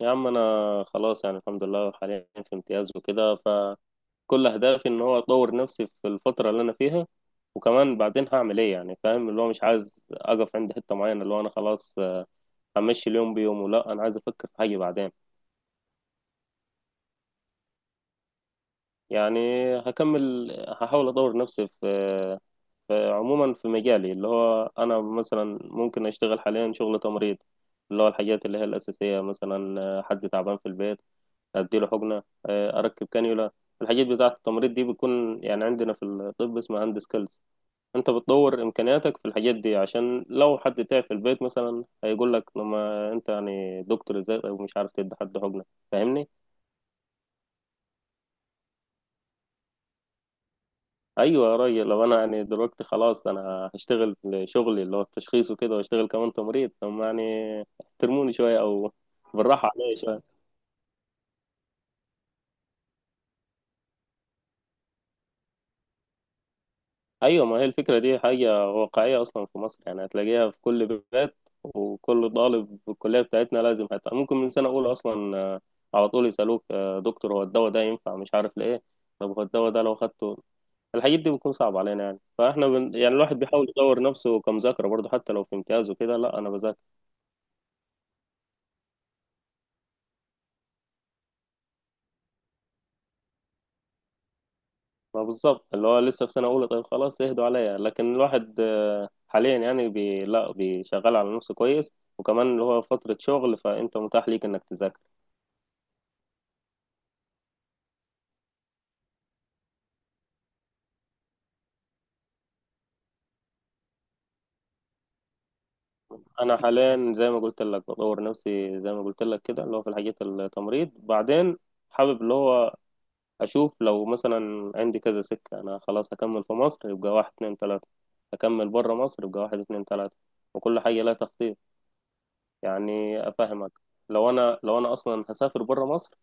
يا عم انا خلاص، يعني الحمد لله حاليا في امتياز وكده. فكل اهدافي ان هو اطور نفسي في الفتره اللي انا فيها، وكمان بعدين هعمل ايه. يعني فاهم؟ اللي هو مش عايز اقف عند حته معينه، اللي هو انا خلاص همشي اليوم بيومه. لا انا عايز افكر في حاجه بعدين. يعني هكمل، هحاول اطور نفسي في عموما في مجالي، اللي هو انا مثلا ممكن اشتغل حاليا شغل تمريض، اللي هو الحاجات اللي هي الاساسيه. مثلا حد تعبان في البيت اديله حقنه، اركب كانيولا. الحاجات بتاعه التمريض دي بتكون، يعني عندنا في الطب اسمها هاند سكيلز. انت بتطور امكانياتك في الحاجات دي، عشان لو حد تعب في البيت مثلا هيقول لك: لما انت يعني دكتور ازاي ومش عارف تدي حد حقنه؟ فاهمني؟ ايوه يا راجل، لو انا يعني دلوقتي خلاص انا هشتغل في شغلي اللي هو التشخيص وكده، واشتغل كمان تمريض، طب ما يعني احترموني شويه او بالراحه عليا شويه. ايوه، ما هي الفكره دي حاجه واقعيه اصلا في مصر، يعني هتلاقيها في كل بيت. وكل طالب في الكليه بتاعتنا لازم، حتى ممكن من سنه اولى اصلا على طول يسالوك دكتور هو الدواء ده ينفع؟ مش عارف ليه، طب هو الدواء ده لو خدته؟ الحاجات دي بتكون صعبه علينا. يعني فاحنا بن... يعني الواحد بيحاول يطور نفسه كمذاكره برضه، حتى لو في امتياز وكده. لا انا بذاكر. ما بالظبط اللي هو لسه في سنه اولى، طيب خلاص اهدوا عليا. لكن الواحد حاليا يعني بي... لا بيشغل على نفسه كويس. وكمان اللي هو فتره شغل، فانت متاح ليك انك تذاكر. انا حاليا زي ما قلت لك بطور نفسي، زي ما قلت لك كده، اللي هو في الحاجات التمريض. بعدين حابب اللي هو اشوف لو مثلا عندي كذا سكة. انا خلاص هكمل في مصر، يبقى واحد اتنين تلاتة. هكمل بره مصر، يبقى واحد اتنين تلاتة. وكل حاجة لها تخطيط، يعني افهمك؟ لو انا اصلا هسافر بره مصر،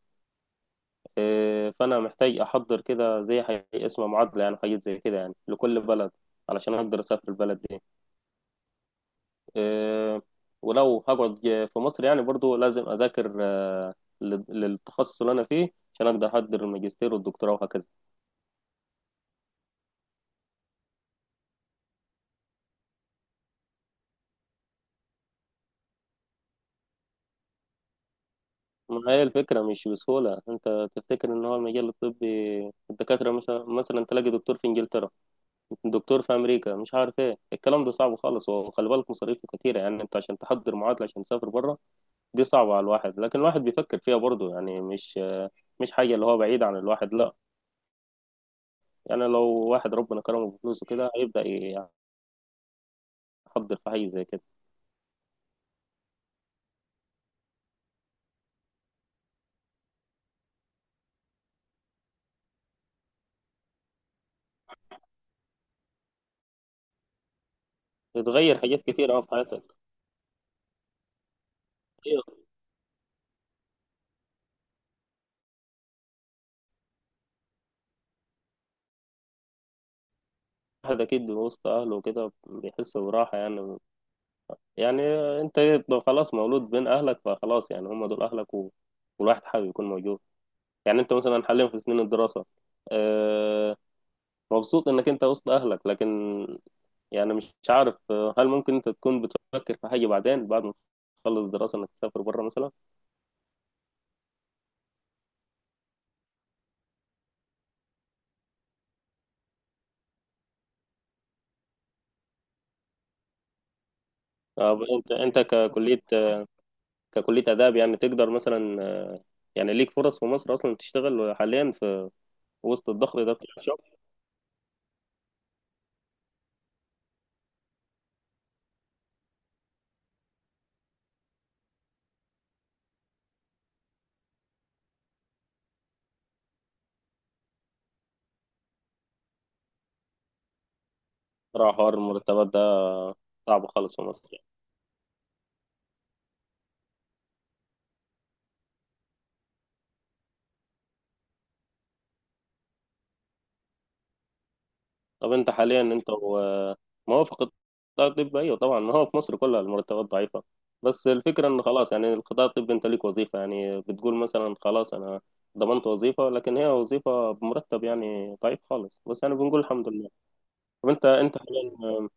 إيه، فانا محتاج احضر كده زي حاجة اسمها معادلة، يعني حاجات زي كده يعني لكل بلد، علشان اقدر اسافر البلد دي. آه، ولو هقعد في مصر يعني برضو لازم أذاكر للتخصص اللي أنا فيه، عشان أقدر أحضر الماجستير والدكتوراه وهكذا. ما هي الفكرة مش بسهولة. أنت تفتكر إن هو المجال الطبي الدكاترة مثلا تلاقي دكتور في إنجلترا، دكتور في أمريكا، مش عارف إيه. الكلام ده صعب خالص، وخلي بالك مصاريفه كتيرة. يعني أنت عشان تحضر معادلة عشان تسافر بره، دي صعبة على الواحد. لكن الواحد بيفكر فيها برضو، يعني مش حاجة اللي هو بعيد عن الواحد، لا. يعني لو واحد ربنا كرمه بفلوسه كده هيبدأ تحضر في حاجة زي كده. بتغير حاجات كتير أوي في حياتك. أيوة. الواحد أكيد وسط أهله وكده بيحس براحة يعني. يعني أنت خلاص مولود بين أهلك، فخلاص يعني هم دول أهلك و... والواحد حابب يكون موجود. يعني أنت مثلا حاليا في سنين الدراسة آه، مبسوط إنك أنت وسط أهلك. لكن يعني مش عارف هل ممكن أنت تكون بتفكر في حاجة بعدين بعد ما تخلص دراسة، إنك تسافر بره مثلا؟ أنت، أنت ككلية آداب، يعني تقدر مثلا، يعني ليك فرص في مصر أصلا تشتغل حاليا وسط الضغط ده بتاع الشغل؟ صراحة حوار المرتبات ده صعب خالص في مصر يعني. طب أنت حاليا موافق القطاع الطبي؟ أيوه طبعا، ما هو في مصر كلها المرتبات ضعيفة. بس الفكرة إن خلاص يعني القطاع الطبي أنت ليك وظيفة، يعني بتقول مثلا خلاص أنا ضمنت وظيفة، لكن هي وظيفة بمرتب يعني ضعيف خالص، بس يعني بنقول الحمد لله. طب أنت أنت حاليا،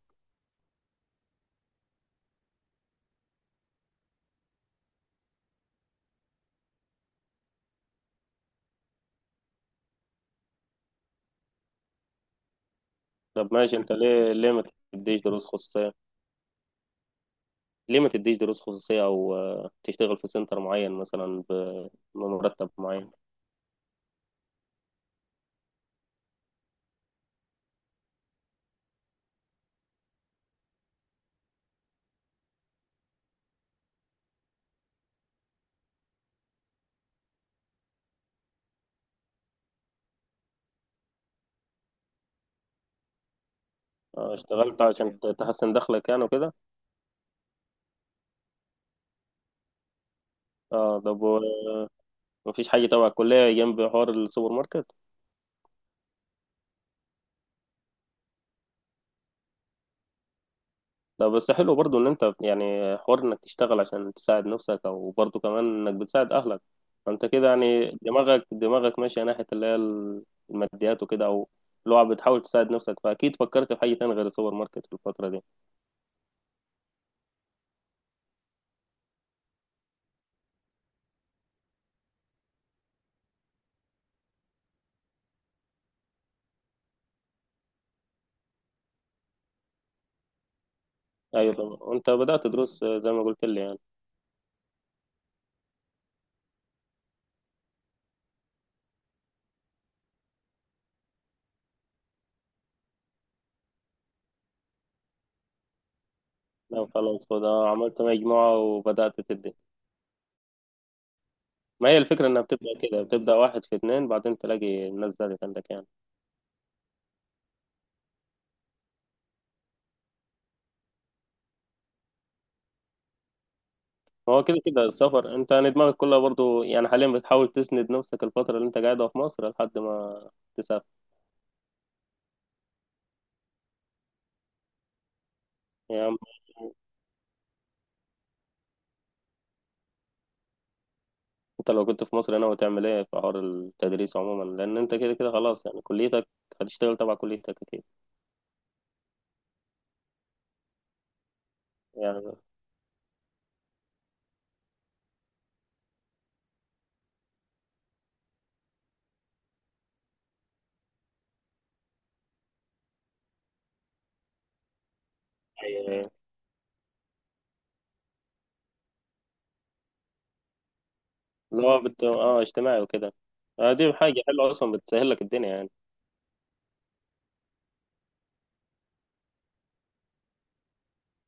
طب ماشي، أنت ليه ما تديش دروس خصوصية؟ ليه ما تديش دروس خصوصية، أو تشتغل في سنتر معين مثلا بمرتب معين؟ اشتغلت عشان تحسن دخلك يعني وكده؟ اه طب مفيش حاجة تبع الكلية جنب حوار السوبر ماركت؟ ده بس حلو برضو ان انت يعني، حوار انك تشتغل عشان تساعد نفسك، او برضو كمان انك بتساعد اهلك. فانت كده يعني دماغك ماشية ناحية اللي هي الماديات وكده، او اللي هو بتحاول تساعد نفسك. فاكيد فكرت في حاجة تانية غير السوبر ماركت في الفترة دي. ايوه طبعا، وانت بدأت دروس زي ما قلت لي يعني. لا خلاص، فده عملت مجموعة وبدأت تدي. ما هي الفكرة إنها بتبدأ كده، بتبدأ واحد في اتنين، بعدين تلاقي الناس زادت عندك يعني. هو كده كده السفر. أنت يعني دماغك كلها برضو يعني حاليا بتحاول تسند نفسك الفترة اللي أنت قاعدها في مصر لحد ما تسافر. يعني أنت لو كنت في مصر هنا هتعمل إيه في حوار التدريس عموما؟ لأن أنت كده كده خلاص يعني كليتك هتشتغل تبع كليتك أكيد يعني. أيوة. اللي هو بت... آه اجتماعي وكده. دي حاجة حلوة أصلا بتسهل لك الدنيا يعني.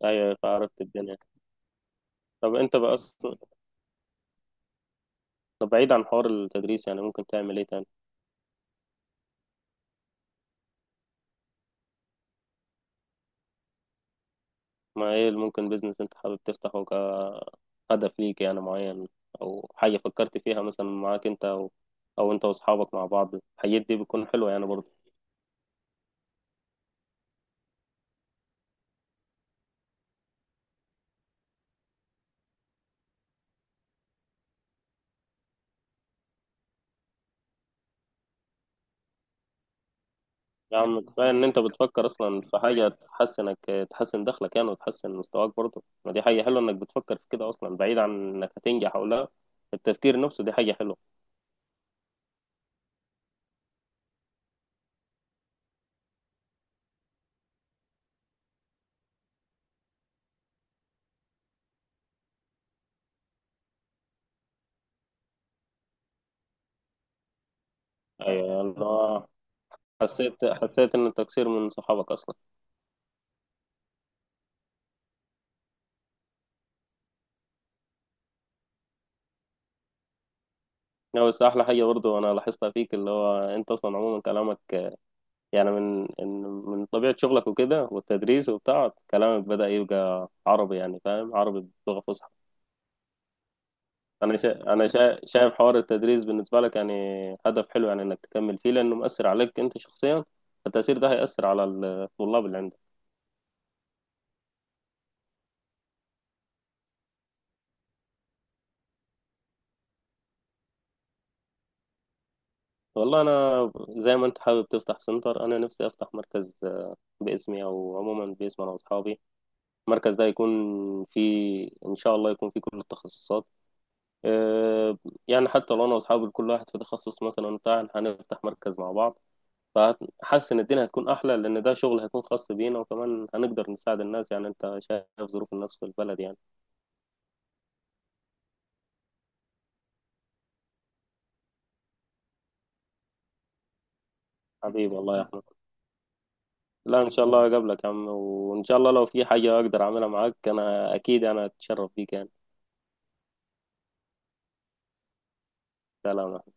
أيوة، عرفت الدنيا. طب أنت بقى أصلا، طب بعيد عن حوار التدريس يعني ممكن تعمل إيه تاني؟ ما ايه اللي ممكن بيزنس انت حابب تفتحه كهدف ليك يعني معين، او حاجة فكرت فيها مثلا معاك انت، او او انت واصحابك مع بعض؟ الحاجات دي بتكون حلوة يعني برضه. يا عم كفاية ان انت بتفكر اصلا في حاجة تحسنك، تحسن دخلك يعني وتحسن مستواك برضه. ما دي حاجة حلوة انك بتفكر في كده اصلا، بعيد عن انك هتنجح او لا. التفكير نفسه دي حاجة حلوة. ايوه الله. حسيت ان التقصير من صحابك اصلا. لا بس احلى حاجه برضو انا لاحظتها فيك، اللي هو انت اصلا عموما كلامك، يعني من طبيعة شغلك وكده والتدريس وبتاع، كلامك بدأ يبقى عربي، يعني فاهم، عربي بلغة فصحى. شايف حوار التدريس بالنسبة لك يعني هدف حلو، يعني إنك تكمل فيه، لأنه مؤثر عليك أنت شخصيا، فالتأثير ده هيأثر على الطلاب اللي عندك. والله أنا زي ما أنت حابب تفتح سنتر، أنا نفسي أفتح مركز باسمي أو عموما باسم أنا وأصحابي. المركز ده يكون فيه، إن شاء الله يكون فيه كل التخصصات آه، يعني حتى لو انا واصحابي كل واحد في تخصص مثلا بتاع، هنفتح مركز مع بعض. فحاسس ان الدنيا هتكون احلى، لان ده شغل هيكون خاص بينا، وكمان هنقدر نساعد الناس. يعني انت شايف ظروف الناس في البلد يعني. حبيبي الله يا احمد. لا ان شاء الله اقابلك يا عم، وان شاء الله لو في حاجة اقدر اعملها معاك انا اكيد، انا اتشرف بيك يعني. سلام.